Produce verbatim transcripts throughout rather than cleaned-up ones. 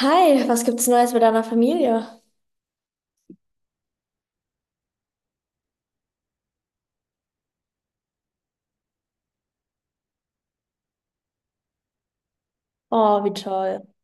Hi, was gibt's Neues mit deiner Familie? Oh, wie toll.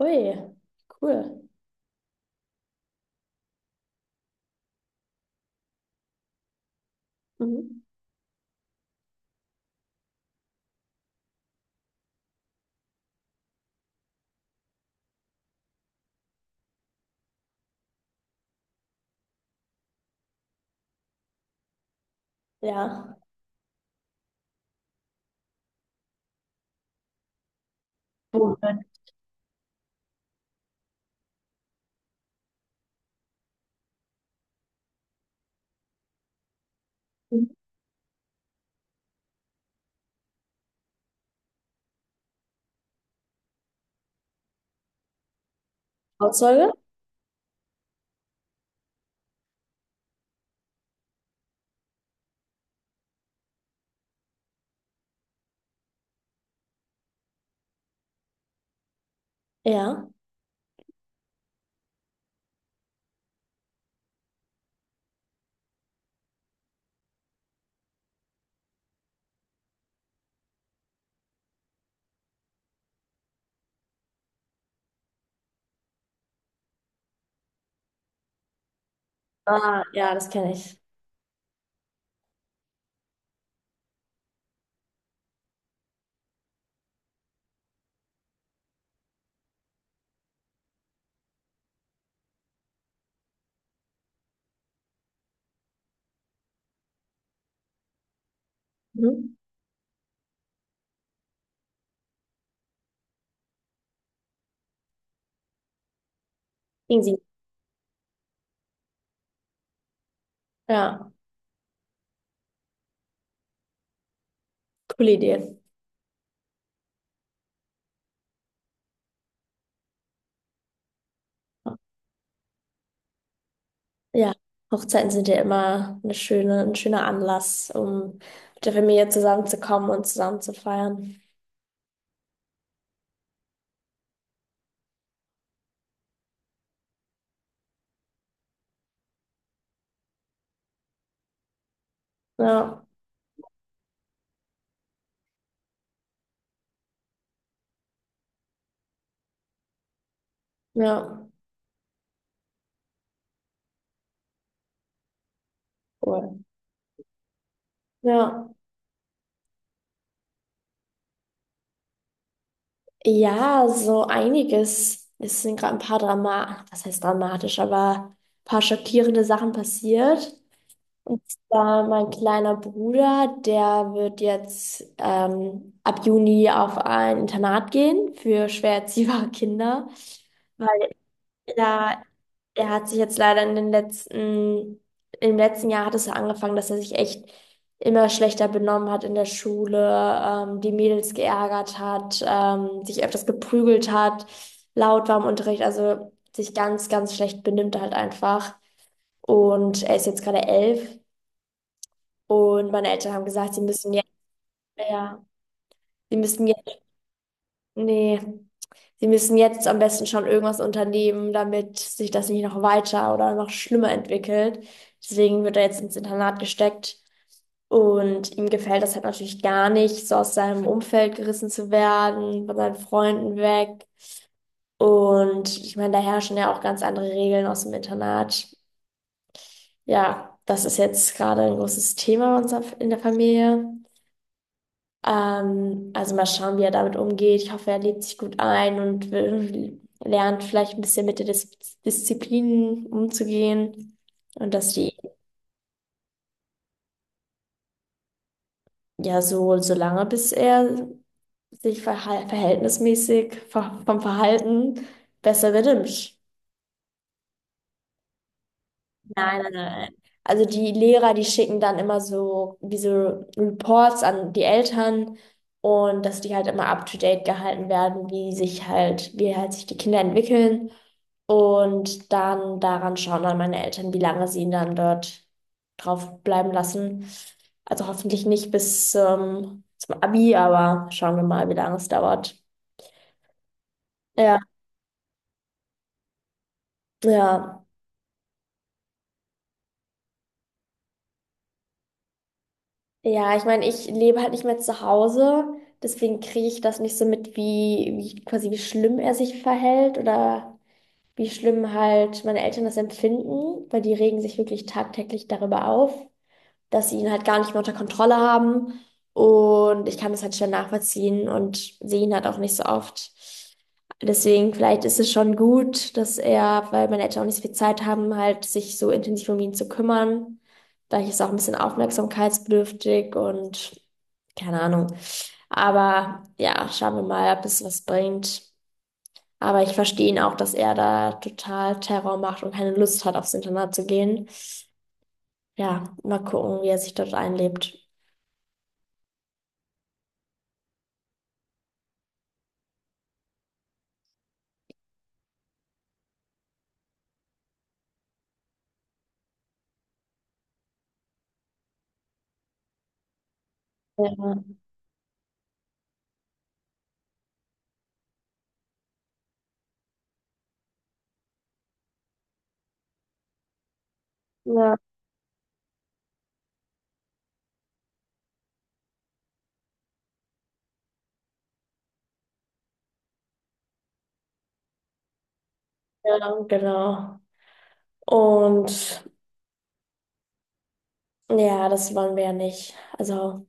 Ui, cool. Mhm. Ja. Wo- Mhm. Trauzeuge? Ja. Ah, ja, das kenne ich. Mhm. Easy. Ja, coole Idee. Ja, Hochzeiten sind ja immer eine schöne, ein schöner Anlass, um mit der Familie zusammenzukommen und zusammen zu feiern. Ja, ja, cool. Ja. Ja, so einiges. Es sind gerade ein paar Drama, was heißt dramatisch, aber ein paar schockierende Sachen passiert. Und zwar mein kleiner Bruder, der wird jetzt ähm, ab Juni auf ein Internat gehen für schwer erziehbare Kinder. Weil ja, er hat sich jetzt leider in den letzten, im letzten Jahr hat es ja angefangen, dass er sich echt immer schlechter benommen hat in der Schule, ähm, die Mädels geärgert hat, ähm, sich öfters geprügelt hat, laut war im Unterricht, also sich ganz, ganz schlecht benimmt halt einfach. Und er ist jetzt gerade elf und meine Eltern haben gesagt, sie müssen jetzt, ja, sie müssen jetzt, nee. Sie müssen jetzt am besten schon irgendwas unternehmen, damit sich das nicht noch weiter oder noch schlimmer entwickelt. Deswegen wird er jetzt ins Internat gesteckt. Und ihm gefällt das halt natürlich gar nicht, so aus seinem Umfeld gerissen zu werden, von seinen Freunden weg. Und ich meine, da herrschen ja auch ganz andere Regeln aus dem Internat. Ja, das ist jetzt gerade ein großes Thema bei uns in der Familie. Ähm, also mal schauen, wie er damit umgeht. Ich hoffe, er lebt sich gut ein und will, lernt vielleicht ein bisschen mit der Dis Disziplin umzugehen. Und dass die ja so, so lange, bis er sich verhal verhältnismäßig ver vom Verhalten besser benimmt. Nein, nein, nein. Also die Lehrer, die schicken dann immer so diese Reports an die Eltern und dass die halt immer up to date gehalten werden, wie sich halt, wie halt sich die Kinder entwickeln. Und dann daran schauen dann meine Eltern, wie lange sie ihn dann dort drauf bleiben lassen. Also hoffentlich nicht bis ähm, zum Abi, aber schauen wir mal, wie lange es dauert. Ja, ja. Ja, ich meine, ich lebe halt nicht mehr zu Hause, deswegen kriege ich das nicht so mit, wie, wie quasi wie schlimm er sich verhält oder wie schlimm halt meine Eltern das empfinden, weil die regen sich wirklich tagtäglich darüber auf, dass sie ihn halt gar nicht mehr unter Kontrolle haben. Und ich kann das halt schnell nachvollziehen und sehe ihn halt auch nicht so oft. Deswegen, vielleicht ist es schon gut, dass er, weil meine Eltern auch nicht so viel Zeit haben, halt sich so intensiv um ihn zu kümmern. Vielleicht ist er auch ein bisschen aufmerksamkeitsbedürftig und keine Ahnung. Aber ja, schauen wir mal, ob es was bringt. Aber ich verstehe ihn auch, dass er da total Terror macht und keine Lust hat, aufs Internat zu gehen. Ja, mal gucken, wie er sich dort einlebt. Ja, ja, ja, genau. Und ja, das wollen wir ja nicht. Also,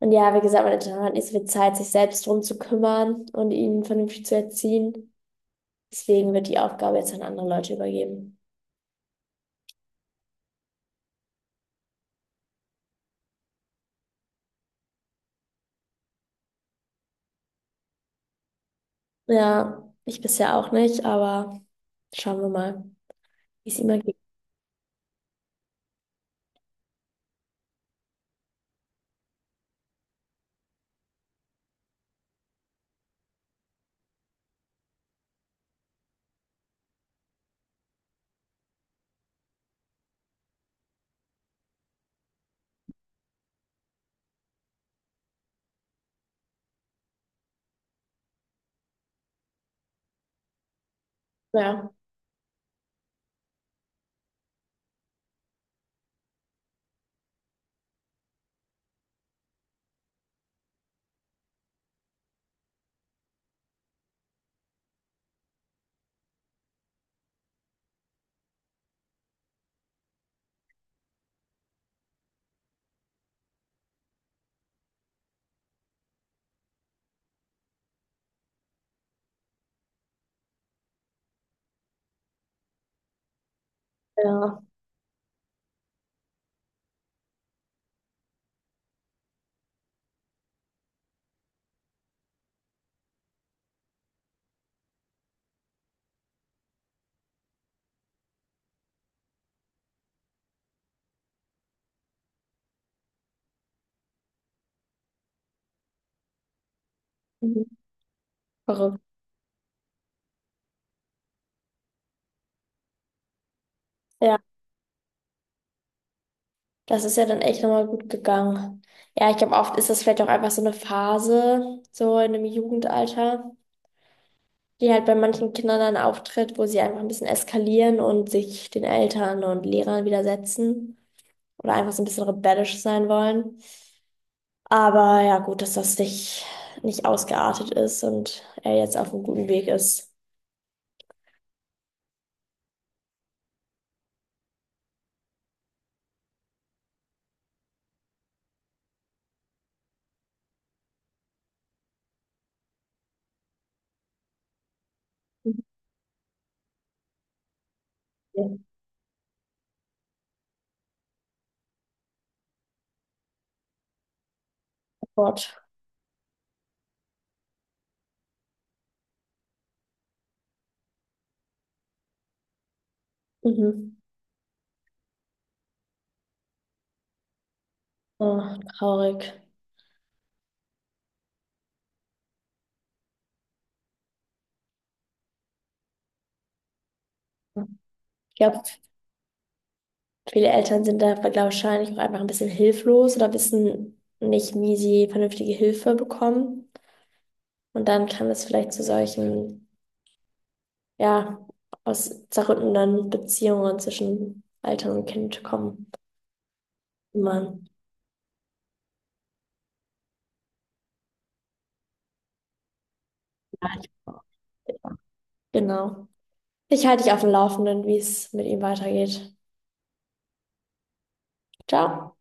und ja, wie gesagt, meine Tochter hat nicht so viel Zeit, sich selbst drum zu kümmern und ihn vernünftig zu erziehen. Deswegen wird die Aufgabe jetzt an andere Leute übergeben. Ja, ich bisher auch nicht, aber schauen wir mal, wie es immer geht. Ja, ja. Mhm. Verrückt. Ja, das ist ja dann echt nochmal gut gegangen. Ja, ich glaube, oft ist das vielleicht auch einfach so eine Phase, so in einem Jugendalter, die halt bei manchen Kindern dann auftritt, wo sie einfach ein bisschen eskalieren und sich den Eltern und Lehrern widersetzen oder einfach so ein bisschen rebellisch sein wollen. Aber ja, gut, dass das nicht, nicht ausgeartet ist und er jetzt auf einem guten Weg ist. Mhm. Fort. Mhm. Oh, traurig. Ich glaube, viele Eltern sind da glaub, wahrscheinlich auch einfach ein bisschen hilflos oder wissen nicht, wie sie vernünftige Hilfe bekommen. Und dann kann es vielleicht zu solchen ja, aus zerrüttenden Beziehungen zwischen Eltern und Kind kommen. Immer. Ja, ich- Genau. Ich halte dich auf dem Laufenden, wie es mit ihm weitergeht. Ciao.